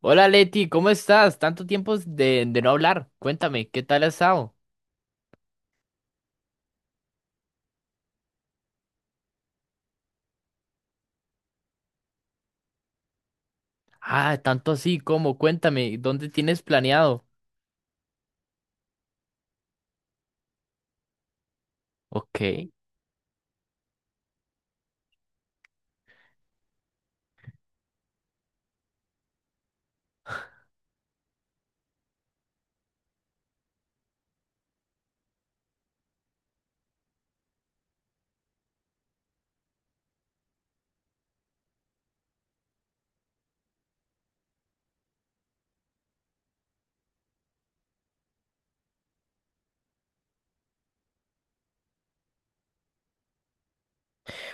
Hola Leti, ¿cómo estás? Tanto tiempo de no hablar. Cuéntame, ¿qué tal has estado? Ah, tanto así, ¿cómo? Cuéntame, ¿dónde tienes planeado? Ok,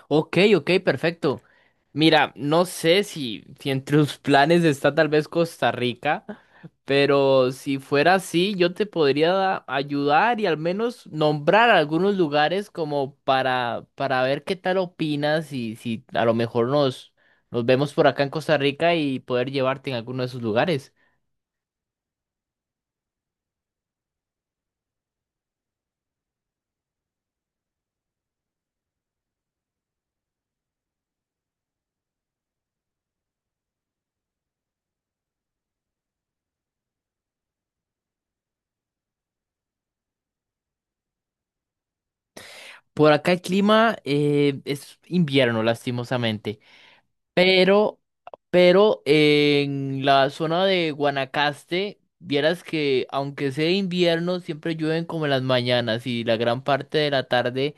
ok, ok, perfecto. Mira, no sé si entre tus planes está tal vez Costa Rica, pero si fuera así, yo te podría ayudar y al menos nombrar algunos lugares como para ver qué tal opinas y si a lo mejor nos vemos por acá en Costa Rica y poder llevarte en alguno de esos lugares. Por acá el clima es invierno, lastimosamente. Pero, pero en la zona de Guanacaste, vieras que aunque sea invierno, siempre llueven como en las mañanas y la gran parte de la tarde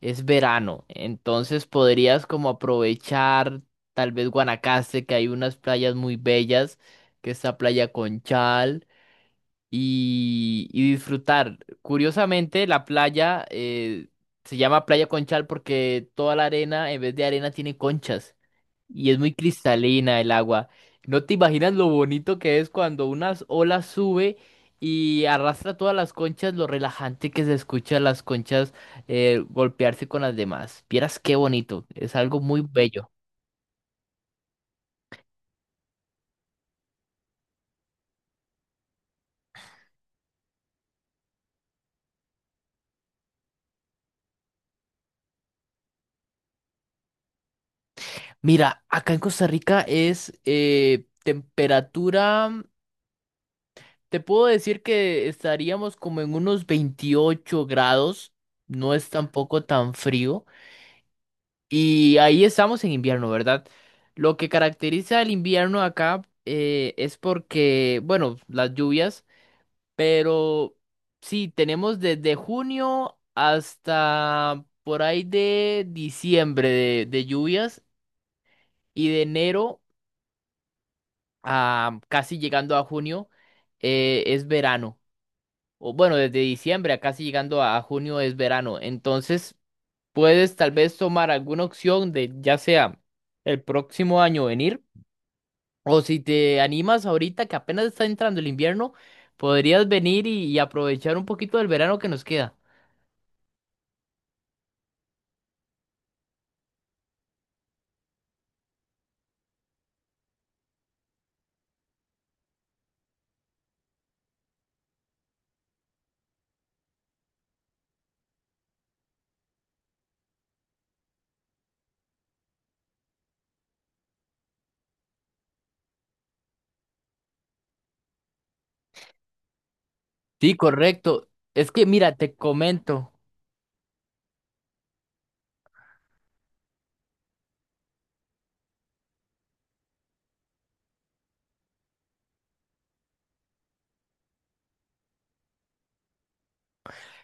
es verano. Entonces podrías como aprovechar tal vez Guanacaste, que hay unas playas muy bellas, que está Playa Conchal y disfrutar. Curiosamente, la playa se llama Playa Conchal porque toda la arena, en vez de arena, tiene conchas y es muy cristalina el agua. No te imaginas lo bonito que es cuando unas olas sube y arrastra todas las conchas, lo relajante que se escucha las conchas golpearse con las demás. Vieras qué bonito, es algo muy bello. Mira, acá en Costa Rica es temperatura. Te puedo decir que estaríamos como en unos 28 grados, no es tampoco tan frío, y ahí estamos en invierno, ¿verdad? Lo que caracteriza el invierno acá es porque, bueno, las lluvias, pero sí, tenemos desde junio hasta por ahí de diciembre de lluvias y de enero a casi llegando a junio es verano. O bueno, desde diciembre a casi llegando a junio es verano. Entonces, puedes tal vez tomar alguna opción de ya sea el próximo año venir, o si te animas ahorita que apenas está entrando el invierno, podrías venir y aprovechar un poquito del verano que nos queda. Sí, correcto. Es que mira, te comento.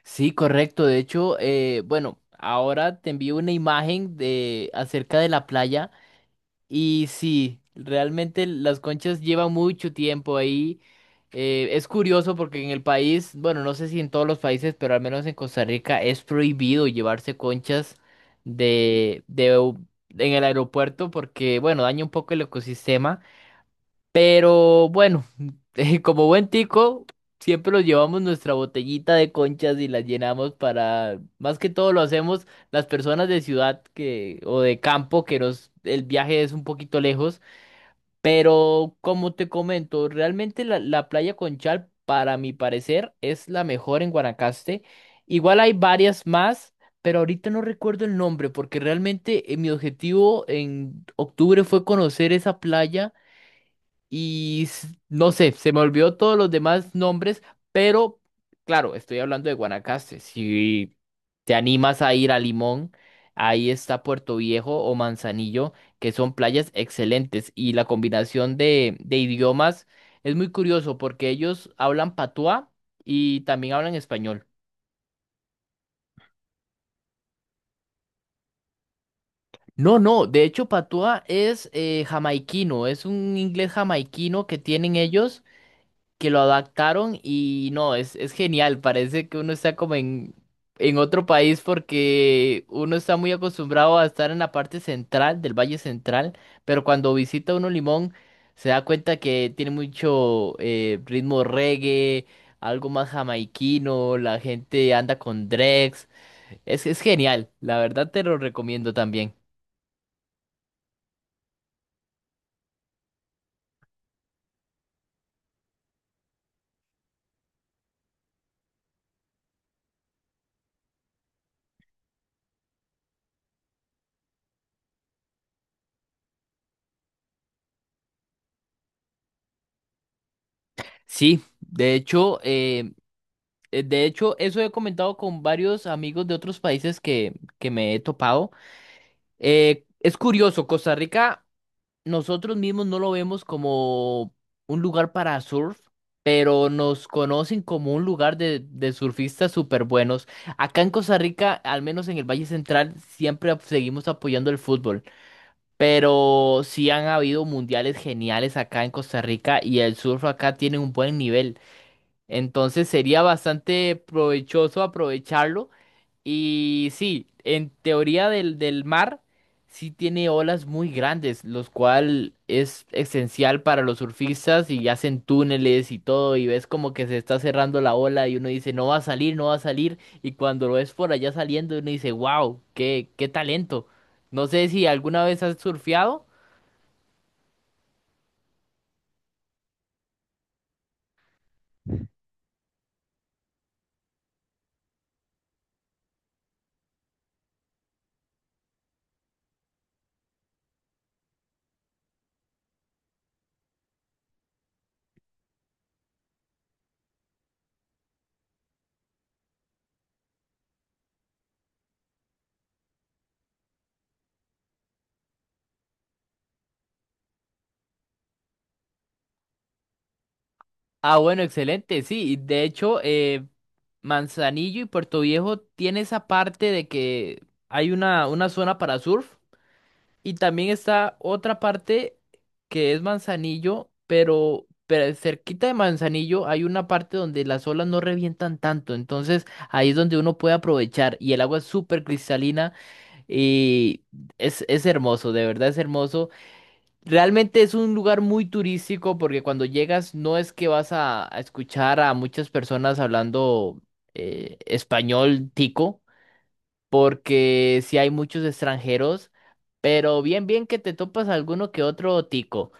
Sí, correcto. De hecho, bueno, ahora te envío una imagen de acerca de la playa. Y sí, realmente las conchas llevan mucho tiempo ahí. Es curioso porque en el país, bueno, no sé si en todos los países, pero al menos en Costa Rica es prohibido llevarse conchas de, de, u- en el aeropuerto porque, bueno, daña un poco el ecosistema. Pero bueno, como buen tico, siempre nos llevamos nuestra botellita de conchas y las llenamos para, más que todo lo hacemos las personas de ciudad que, o de campo, que nos, el viaje es un poquito lejos. Pero como te comento, realmente la, playa Conchal, para mi parecer, es la mejor en Guanacaste. Igual hay varias más. Pero ahorita no recuerdo el nombre porque realmente mi objetivo en octubre fue conocer esa playa y no sé, se me olvidó todos los demás nombres, pero claro, estoy hablando de Guanacaste. Si te animas a ir a Limón, ahí está Puerto Viejo o Manzanillo, que son playas excelentes. Y la combinación de idiomas es muy curioso porque ellos hablan patuá y también hablan español. No, no, de hecho patuá es jamaiquino, es un inglés jamaiquino que tienen ellos. Que lo adaptaron y no, es, genial, parece que uno está como en otro país porque uno está muy acostumbrado a estar en la parte central del Valle Central, pero cuando visita uno Limón se da cuenta que tiene mucho ritmo reggae, algo más jamaiquino, la gente anda con dregs, es genial, la verdad te lo recomiendo también. Sí, de hecho, eso he comentado con varios amigos de otros países que me he topado. Es curioso, Costa Rica, nosotros mismos no lo vemos como un lugar para surf, pero nos conocen como un lugar de surfistas súper buenos. Acá en Costa Rica, al menos en el Valle Central, siempre seguimos apoyando el fútbol, pero sí han habido mundiales geniales acá en Costa Rica y el surf acá tiene un buen nivel. Entonces sería bastante provechoso aprovecharlo. Y sí, en teoría del mar, sí tiene olas muy grandes, los cual es esencial para los surfistas y hacen túneles y todo. Y ves como que se está cerrando la ola y uno dice, no va a salir, no va a salir. Y cuando lo ves por allá saliendo, uno dice, wow, qué, talento. No sé si alguna vez has surfeado. Ah, bueno, excelente, sí. Manzanillo y Puerto Viejo tiene esa parte de que hay una, zona para surf y también está otra parte que es Manzanillo, pero cerquita de Manzanillo hay una parte donde las olas no revientan tanto, entonces ahí es donde uno puede aprovechar y el agua es súper cristalina y es, hermoso, de verdad es hermoso. Realmente es un lugar muy turístico porque cuando llegas no es que vas a escuchar a muchas personas hablando español tico, porque sí hay muchos extranjeros, pero bien, bien que te topas alguno que otro tico.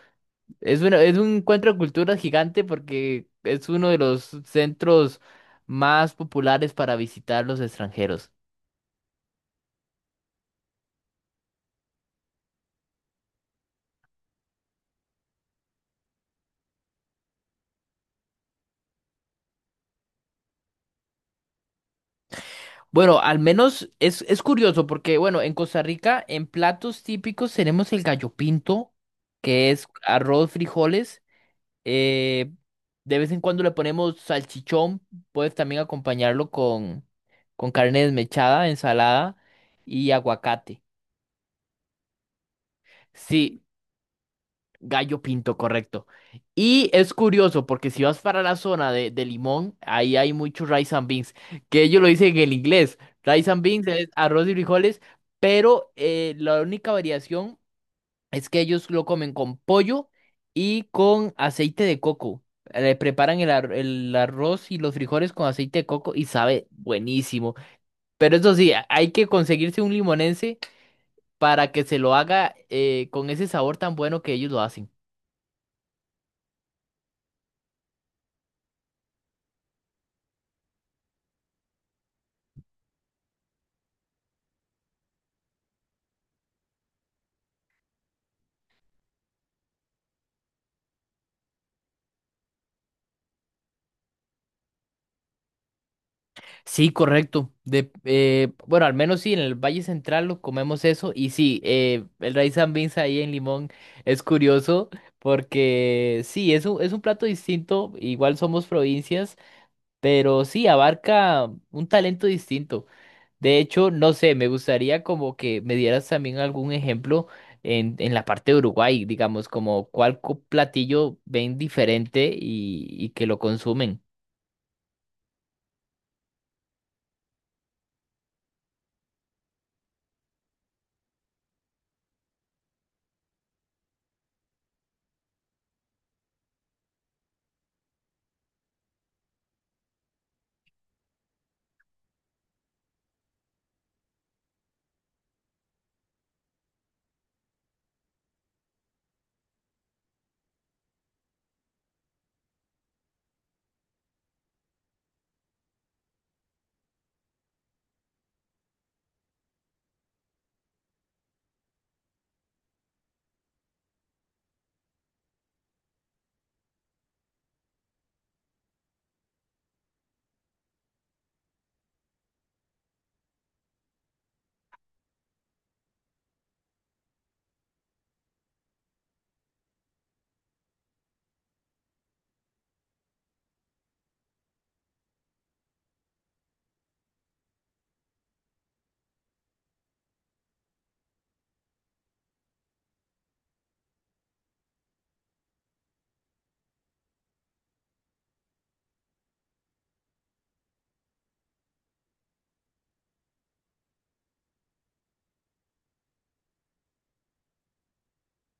Es un encuentro de culturas gigante porque es uno de los centros más populares para visitar los extranjeros. Bueno, al menos es, curioso porque, bueno, en Costa Rica, en platos típicos tenemos el gallo pinto, que es arroz, frijoles. eh, de vez en cuando le ponemos salchichón, puedes también acompañarlo con carne desmechada, ensalada y aguacate. Sí, Gallo Pinto, correcto. Y es curioso porque si vas para la zona de Limón, ahí hay muchos rice and beans, que ellos lo dicen en inglés. Rice and beans es arroz y frijoles, pero la única variación es que ellos lo comen con pollo y con aceite de coco. Le preparan el arroz y los frijoles con aceite de coco y sabe buenísimo. Pero eso sí, hay que conseguirse un limonense para que se lo haga con ese sabor tan bueno que ellos lo hacen. Sí, correcto. Bueno, al menos sí, en el Valle Central lo comemos eso. Y sí, el rice and beans ahí en Limón es curioso porque sí, es un, plato distinto. Igual somos provincias, pero sí, abarca un talento distinto. De hecho, no sé, me gustaría como que me dieras también algún ejemplo en la parte de Uruguay, digamos, como cuál platillo ven diferente y que lo consumen.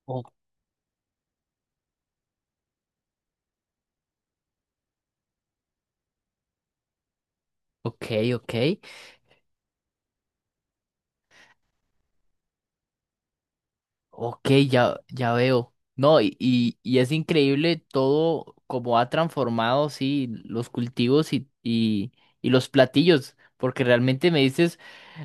Oh. Ok, ok. Ok, ya, ya veo. No, y es increíble todo como ha transformado, sí, los cultivos y los platillos, porque realmente me dices...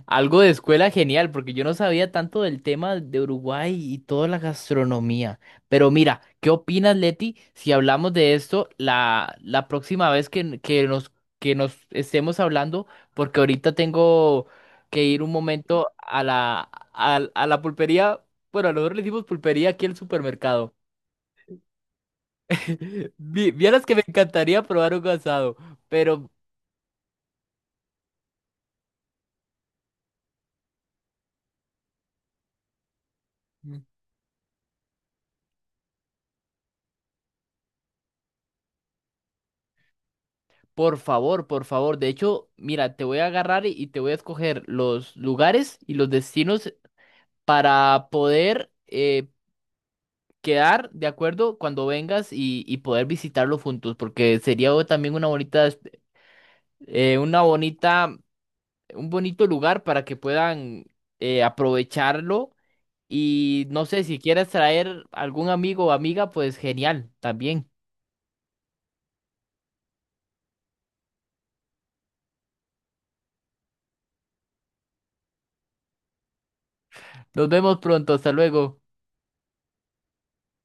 Algo de escuela genial, porque yo no sabía tanto del tema de Uruguay y toda la gastronomía. Pero mira, ¿qué opinas, Leti, si hablamos de esto la, próxima vez que nos estemos hablando? Porque ahorita tengo que ir un momento a la, a la pulpería. Bueno, nosotros le decimos pulpería aquí al supermercado. Vieras que me encantaría probar un asado, pero por favor, por favor. De hecho, mira, te voy a agarrar y te voy a escoger los lugares y los destinos para poder quedar de acuerdo cuando vengas y poder visitarlos juntos, porque sería también una bonita, eh, una bonita, un bonito lugar para que puedan aprovecharlo. Y no sé, si quieres traer algún amigo o amiga, pues genial, también. Nos vemos pronto, hasta luego.